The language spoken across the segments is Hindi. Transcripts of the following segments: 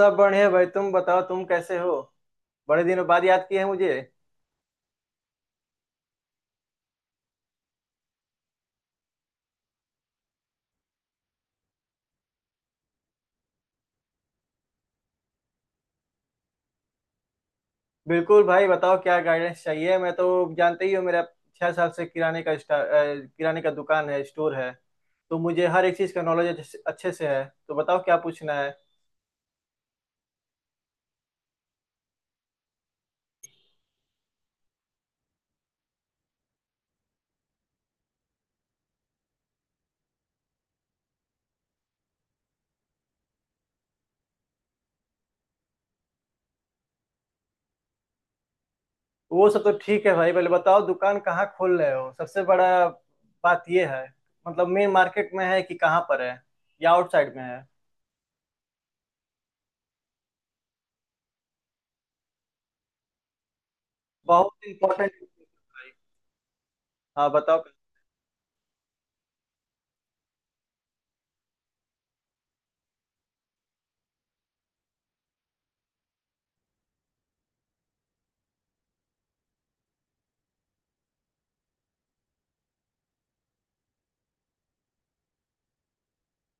सब बढ़िया भाई, तुम बताओ तुम कैसे हो। बड़े दिनों बाद याद किए हैं मुझे। बिल्कुल भाई बताओ क्या गाइडेंस चाहिए, मैं तो जानते ही हो मेरा 6 साल से किराने का किराने का दुकान है, स्टोर है। तो मुझे हर एक चीज का नॉलेज अच्छे से है, तो बताओ क्या पूछना है। वो सब तो ठीक है भाई, पहले बताओ दुकान कहाँ खोल रहे हो। सबसे बड़ा बात ये है, मतलब मेन मार्केट में है कि कहाँ पर है या आउटसाइड में है। बहुत इंपॉर्टेंट। हाँ बताओ।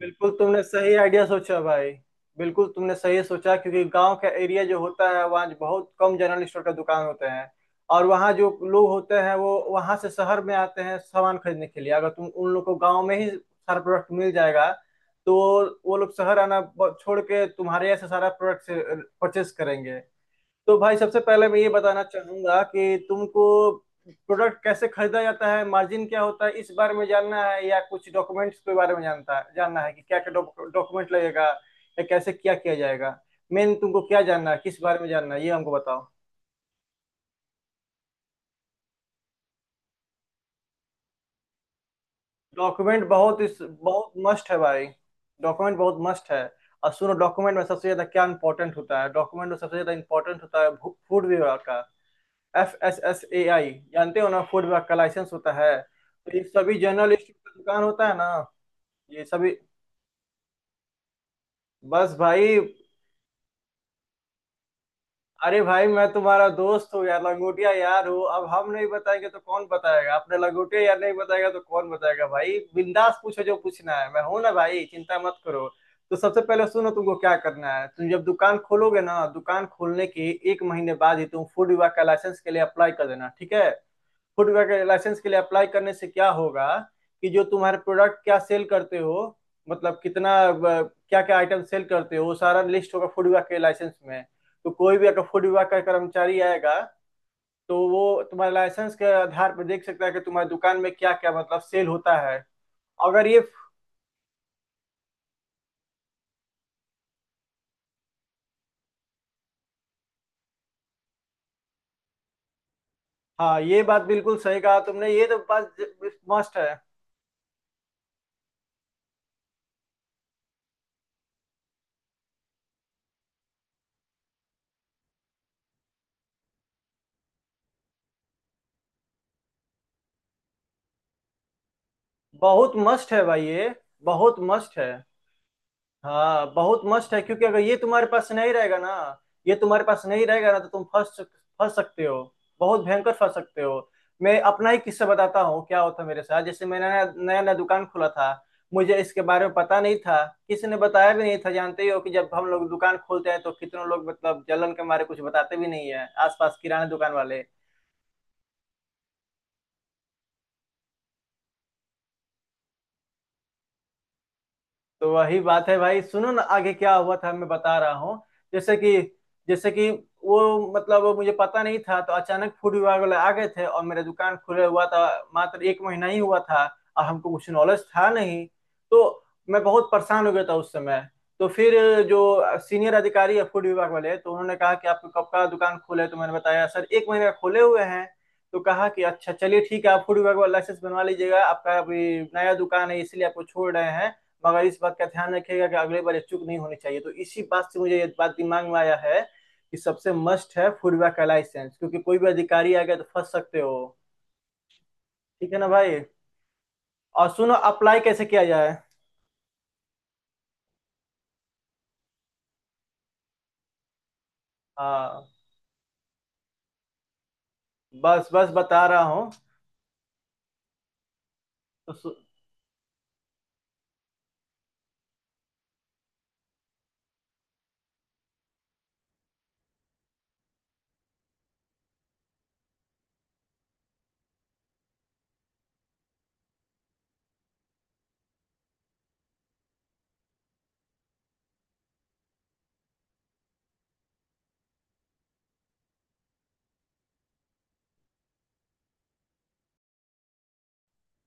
बिल्कुल तुमने सही आइडिया सोचा भाई। बिल्कुल तुमने सही सोचा, क्योंकि गांव का एरिया जो होता है वहाँ बहुत कम जनरल स्टोर का दुकान होते हैं। और वहाँ जो लोग होते हैं वो वहाँ से शहर में आते हैं सामान खरीदने के लिए। अगर तुम उन लोग को गांव में ही सारा प्रोडक्ट मिल जाएगा तो वो लोग शहर आना छोड़ के तुम्हारे यहाँ से सारा प्रोडक्ट से परचेस करेंगे। तो भाई सबसे पहले मैं ये बताना चाहूंगा कि तुमको प्रोडक्ट कैसे खरीदा जाता है, मार्जिन क्या होता है, इस बारे में जानना है, या कुछ डॉक्यूमेंट्स के बारे में जानता है, जानना है कि क्या क्या डॉक्यूमेंट लगेगा या कैसे क्या किया जाएगा। मेन तुमको क्या जानना है, किस बारे में जानना है ये हमको बताओ। डॉक्यूमेंट बहुत मस्ट है भाई। डॉक्यूमेंट बहुत मस्ट है। और सुनो, डॉक्यूमेंट में सबसे ज्यादा क्या इंपॉर्टेंट होता है, डॉक्यूमेंट में सबसे ज्यादा इंपॉर्टेंट होता है फूड विभाग का। FSSAI जानते हो ना, फूड विभाग का लाइसेंस होता है। तो ये सभी जनरल स्टोर का दुकान होता है ना। ये सभी बस भाई। अरे भाई मैं तुम्हारा दोस्त हूँ यार, लंगोटिया यार हूँ। अब हम नहीं बताएंगे तो कौन बताएगा, आपने लंगोटिया यार नहीं बताएगा तो कौन बताएगा। भाई बिंदास पूछो जो पूछना है, मैं हूं ना भाई, चिंता मत करो। तो सबसे पहले सुनो तुमको क्या करना है। तुम जब दुकान खोलोगे ना, दुकान खोलने के एक महीने बाद ही तुम फूड विभाग का लाइसेंस के लिए अप्लाई कर देना, ठीक है। फूडवेयर लाइसेंस के लिए अप्लाई करने से क्या होगा कि जो तुम्हारे प्रोडक्ट क्या सेल करते हो, मतलब कितना क्या क्या आइटम सेल करते हो वो सारा लिस्ट होगा फूड विभाग के लाइसेंस में। तो कोई भी अगर फूड विभाग का कर्मचारी आएगा तो वो तुम्हारे लाइसेंस के आधार पर देख सकता है कि तुम्हारी दुकान में क्या क्या मतलब सेल होता है। अगर ये। हाँ ये बात बिल्कुल सही कहा तुमने, ये तो बात मस्ट है। बहुत मस्ट है भाई ये, बहुत मस्ट है। हाँ बहुत मस्त है, क्योंकि अगर ये तुम्हारे पास नहीं रहेगा ना, ये तुम्हारे पास नहीं रहेगा ना तो तुम फंस फंस सकते हो। बहुत भयंकर फंस सकते हो। मैं अपना ही किस्सा बताता हूँ क्या होता मेरे साथ। जैसे मैंने नया नया नया दुकान खोला था, मुझे इसके बारे में पता नहीं था, किसी ने बताया भी नहीं था। जानते ही हो कि जब हम लोग दुकान खोलते हैं तो कितने लोग मतलब जलन के मारे कुछ बताते भी नहीं है आसपास किराना दुकान वाले। तो वही बात है भाई, सुनो ना आगे क्या हुआ था मैं बता रहा हूँ। जैसे कि, जैसे कि, वो मतलब वो मुझे पता नहीं था तो अचानक फूड विभाग वाले आ गए थे और मेरा दुकान खुला हुआ था, मात्र एक महीना ही हुआ था। और हमको कुछ नॉलेज था नहीं, तो मैं बहुत परेशान हो गया था उस समय। तो फिर जो सीनियर अधिकारी है फूड विभाग वाले, तो उन्होंने कहा कि आपको कब का दुकान खोले है? तो मैंने बताया सर एक महीने का खोले हुए हैं। तो कहा कि अच्छा चलिए ठीक है, आप फूड विभाग वाला लाइसेंस बनवा लीजिएगा, आपका अभी नया दुकान है इसलिए आपको छोड़ रहे हैं। मगर इस बात का ध्यान रखिएगा कि अगली बार ये चूक नहीं होनी चाहिए। तो इसी बात से मुझे ये बात दिमाग में आया है कि सबसे मस्ट है फूडबैक का लाइसेंस, क्योंकि कोई भी अधिकारी आ गया तो फंस सकते हो। ठीक है ना भाई। और सुनो अप्लाई कैसे किया जाए। हाँ बस बस बता रहा हूँ। तो सु,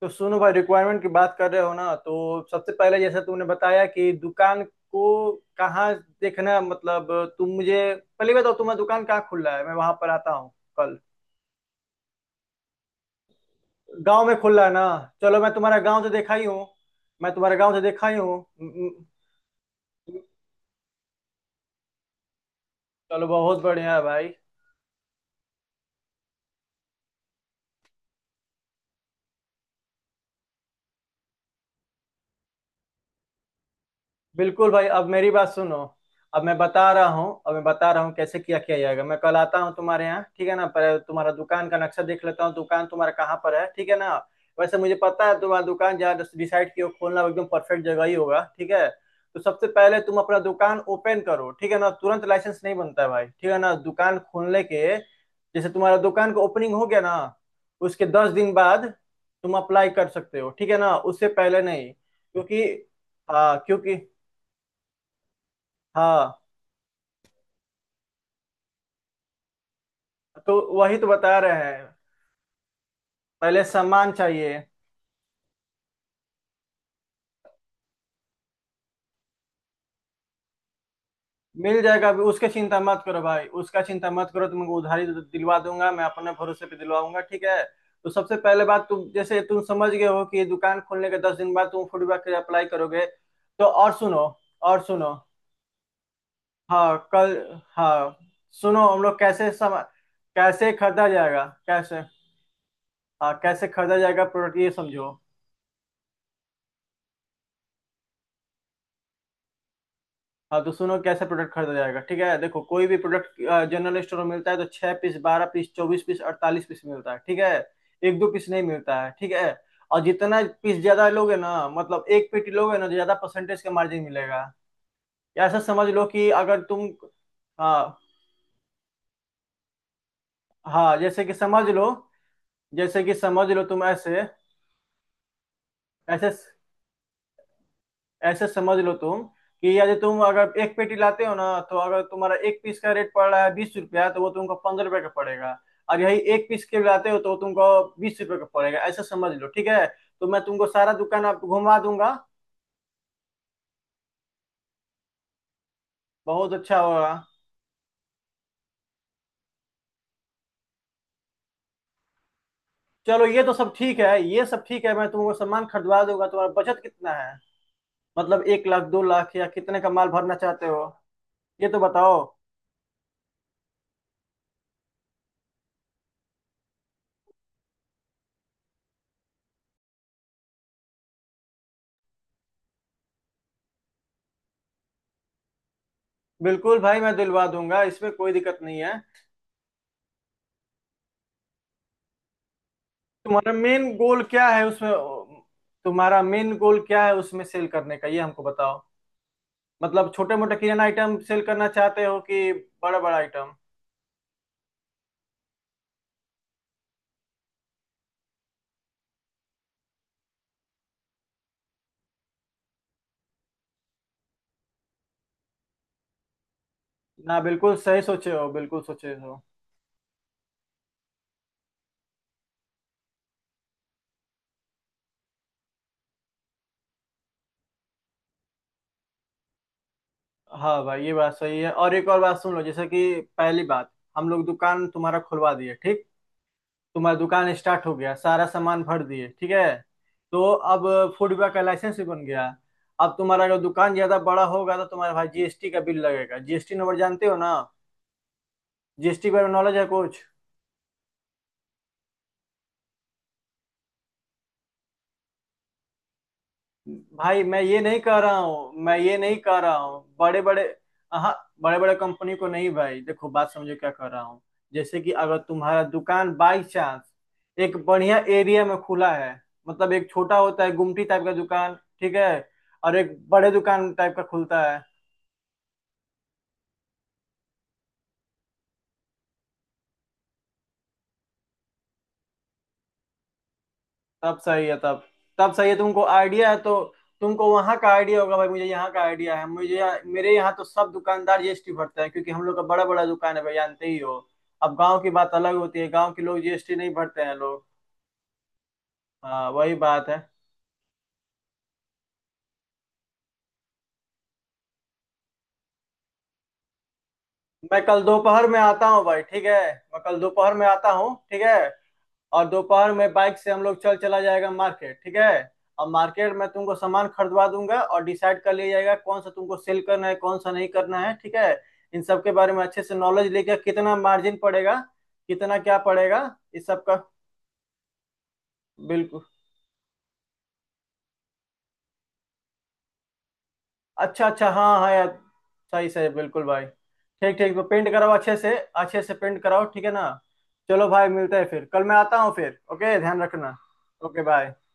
तो सुनो भाई, रिक्वायरमेंट की बात कर रहे हो ना तो सबसे पहले जैसा तुमने बताया कि दुकान को कहाँ देखना, मतलब तुम मुझे, पहली बात तो तुम्हारा दुकान कहाँ खुल रहा है मैं वहां पर आता हूँ कल। गांव में खुला है ना, चलो मैं तुम्हारा गांव तो देखा ही हूँ। मैं तुम्हारा गांव तो देखा ही हूँ। चलो बहुत बढ़िया है भाई। बिल्कुल भाई अब मेरी बात सुनो। अब मैं बता रहा हूँ, अब मैं बता रहा हूँ कैसे किया किया जाएगा। मैं कल आता हूँ तुम्हारे यहाँ, ठीक है ना, पर तुम्हारा दुकान का नक्शा देख लेता हूँ, दुकान तुम्हारा कहाँ पर है, ठीक है ना। वैसे मुझे पता है तुम्हारा दुकान जहाँ डिसाइड किया हो खोलना वो एकदम परफेक्ट जगह ही होगा, ठीक है। तो सबसे पहले तुम अपना दुकान ओपन करो, ठीक है ना, तुरंत लाइसेंस नहीं बनता है भाई, ठीक है ना। दुकान खोलने के, जैसे तुम्हारा दुकान का ओपनिंग हो गया ना, उसके 10 दिन बाद तुम अप्लाई कर सकते हो, ठीक है ना, उससे पहले नहीं क्योंकि। हाँ क्योंकि। हाँ तो वही तो बता रहे हैं। पहले सम्मान चाहिए। मिल जाएगा अभी, उसके चिंता मत करो भाई, उसका चिंता मत करो, तुमको उधारी दिलवा दूंगा मैं, अपने भरोसे पे दिलवाऊंगा, ठीक है। तो सबसे पहले बात, तुम जैसे तुम समझ गए हो कि ये दुकान खोलने के 10 दिन बाद तुम फूड के लिए अप्लाई करोगे। तो और सुनो। और सुनो। हाँ कल। हाँ। सुनो हम लोग कैसे खरीदा जाएगा, कैसे। हाँ कैसे खरीदा जाएगा प्रोडक्ट ये समझो। हाँ तो सुनो कैसे प्रोडक्ट खरीदा जाएगा, ठीक है। देखो कोई भी प्रोडक्ट जनरल स्टोर में मिलता है तो 6 पीस, 12 पीस, 24 पीस, 48 पीस मिलता है, ठीक है। एक दो पीस नहीं मिलता है, ठीक है। और जितना पीस ज्यादा लोगे ना, मतलब एक पेटी लोगे ना, तो ज्यादा परसेंटेज का मार्जिन मिलेगा। या ऐसा समझ लो कि अगर तुम। हाँ। हाँ जैसे कि समझ लो। जैसे कि समझ लो तुम ऐसे। ऐसे ऐसे समझ लो तुम कि यदि तुम अगर एक पेटी लाते हो ना, तो अगर तुम्हारा एक पीस का रेट पड़ रहा है 20 रुपया तो वो तुमको 15 रुपये का पड़ेगा। और यही एक पीस के लाते हो तो वो तुमको 20 रुपये का पड़ेगा, ऐसा समझ लो, ठीक है। तो मैं तुमको सारा दुकान आप घुमा दूंगा। बहुत अच्छा होगा। चलो ये तो सब ठीक है, ये सब ठीक है, मैं तुमको सामान खरीदवा दूंगा। तुम्हारा बचत कितना है, मतलब 1 लाख, 2 लाख, या कितने का माल भरना चाहते हो ये तो बताओ। बिल्कुल भाई मैं दिलवा दूंगा, इसमें कोई दिक्कत नहीं है। तुम्हारा मेन गोल क्या है उसमें, तुम्हारा मेन गोल क्या है उसमें सेल करने का ये हमको बताओ। मतलब छोटे मोटे किराना आइटम सेल करना चाहते हो कि बड़ा बड़ा आइटम। ना बिल्कुल सही सोचे हो, बिल्कुल सोचे हो। हाँ भाई ये बात सही है। और एक और बात सुन लो, जैसे कि पहली बात हम लोग दुकान तुम्हारा खुलवा दिए ठीक, तुम्हारा दुकान स्टार्ट हो गया सारा सामान भर दिए, ठीक है। तो अब फूड विभाग का लाइसेंस भी बन गया। अब तुम्हारा अगर दुकान ज्यादा बड़ा होगा तो तुम्हारा भाई जीएसटी का बिल लगेगा, जीएसटी नंबर जानते हो ना, जीएसटी बारे में नॉलेज है कुछ। भाई मैं ये नहीं कह रहा हूँ, मैं ये नहीं कह रहा हूँ बड़े बड़े। हाँ बड़े बड़े कंपनी को नहीं भाई, देखो बात समझो क्या कह रहा हूँ। जैसे कि अगर तुम्हारा दुकान बाई चांस एक बढ़िया एरिया में खुला है, मतलब एक छोटा होता है गुमटी टाइप का दुकान, ठीक है, और एक बड़े दुकान टाइप का खुलता है। तब सही है, तब, तब सही है, तुमको आइडिया है तो। तुमको वहां का आइडिया होगा भाई, मुझे यहाँ का आइडिया है, मुझे यहाँ, मेरे यहाँ तो सब दुकानदार जीएसटी भरते हैं क्योंकि हम लोग का बड़ा बड़ा दुकान है भाई, जानते ही हो। अब गांव की बात अलग होती है, गांव के लोग जीएसटी नहीं भरते हैं लोग। हाँ वही बात है। मैं कल दोपहर में आता हूँ भाई, ठीक है। मैं कल दोपहर में आता हूँ, ठीक है। और दोपहर में बाइक से हम लोग चल चला जाएगा मार्केट, ठीक है। और मार्केट में तुमको सामान खरीदवा दूंगा, और डिसाइड कर लिया जाएगा कौन सा तुमको सेल करना है कौन सा नहीं करना है, ठीक है। इन सब के बारे में अच्छे से नॉलेज लेकर, कितना मार्जिन पड़ेगा, कितना क्या पड़ेगा, इस सब का। बिल्कुल। अच्छा अच्छा, हाँ हाँ यार। सही सही, बिल्कुल भाई। ठीक ठीक, तो पेंट कराओ, अच्छे से पेंट कराओ, ठीक है ना। चलो भाई, मिलते हैं फिर कल, मैं आता हूँ फिर। ओके ध्यान रखना। Okay bye.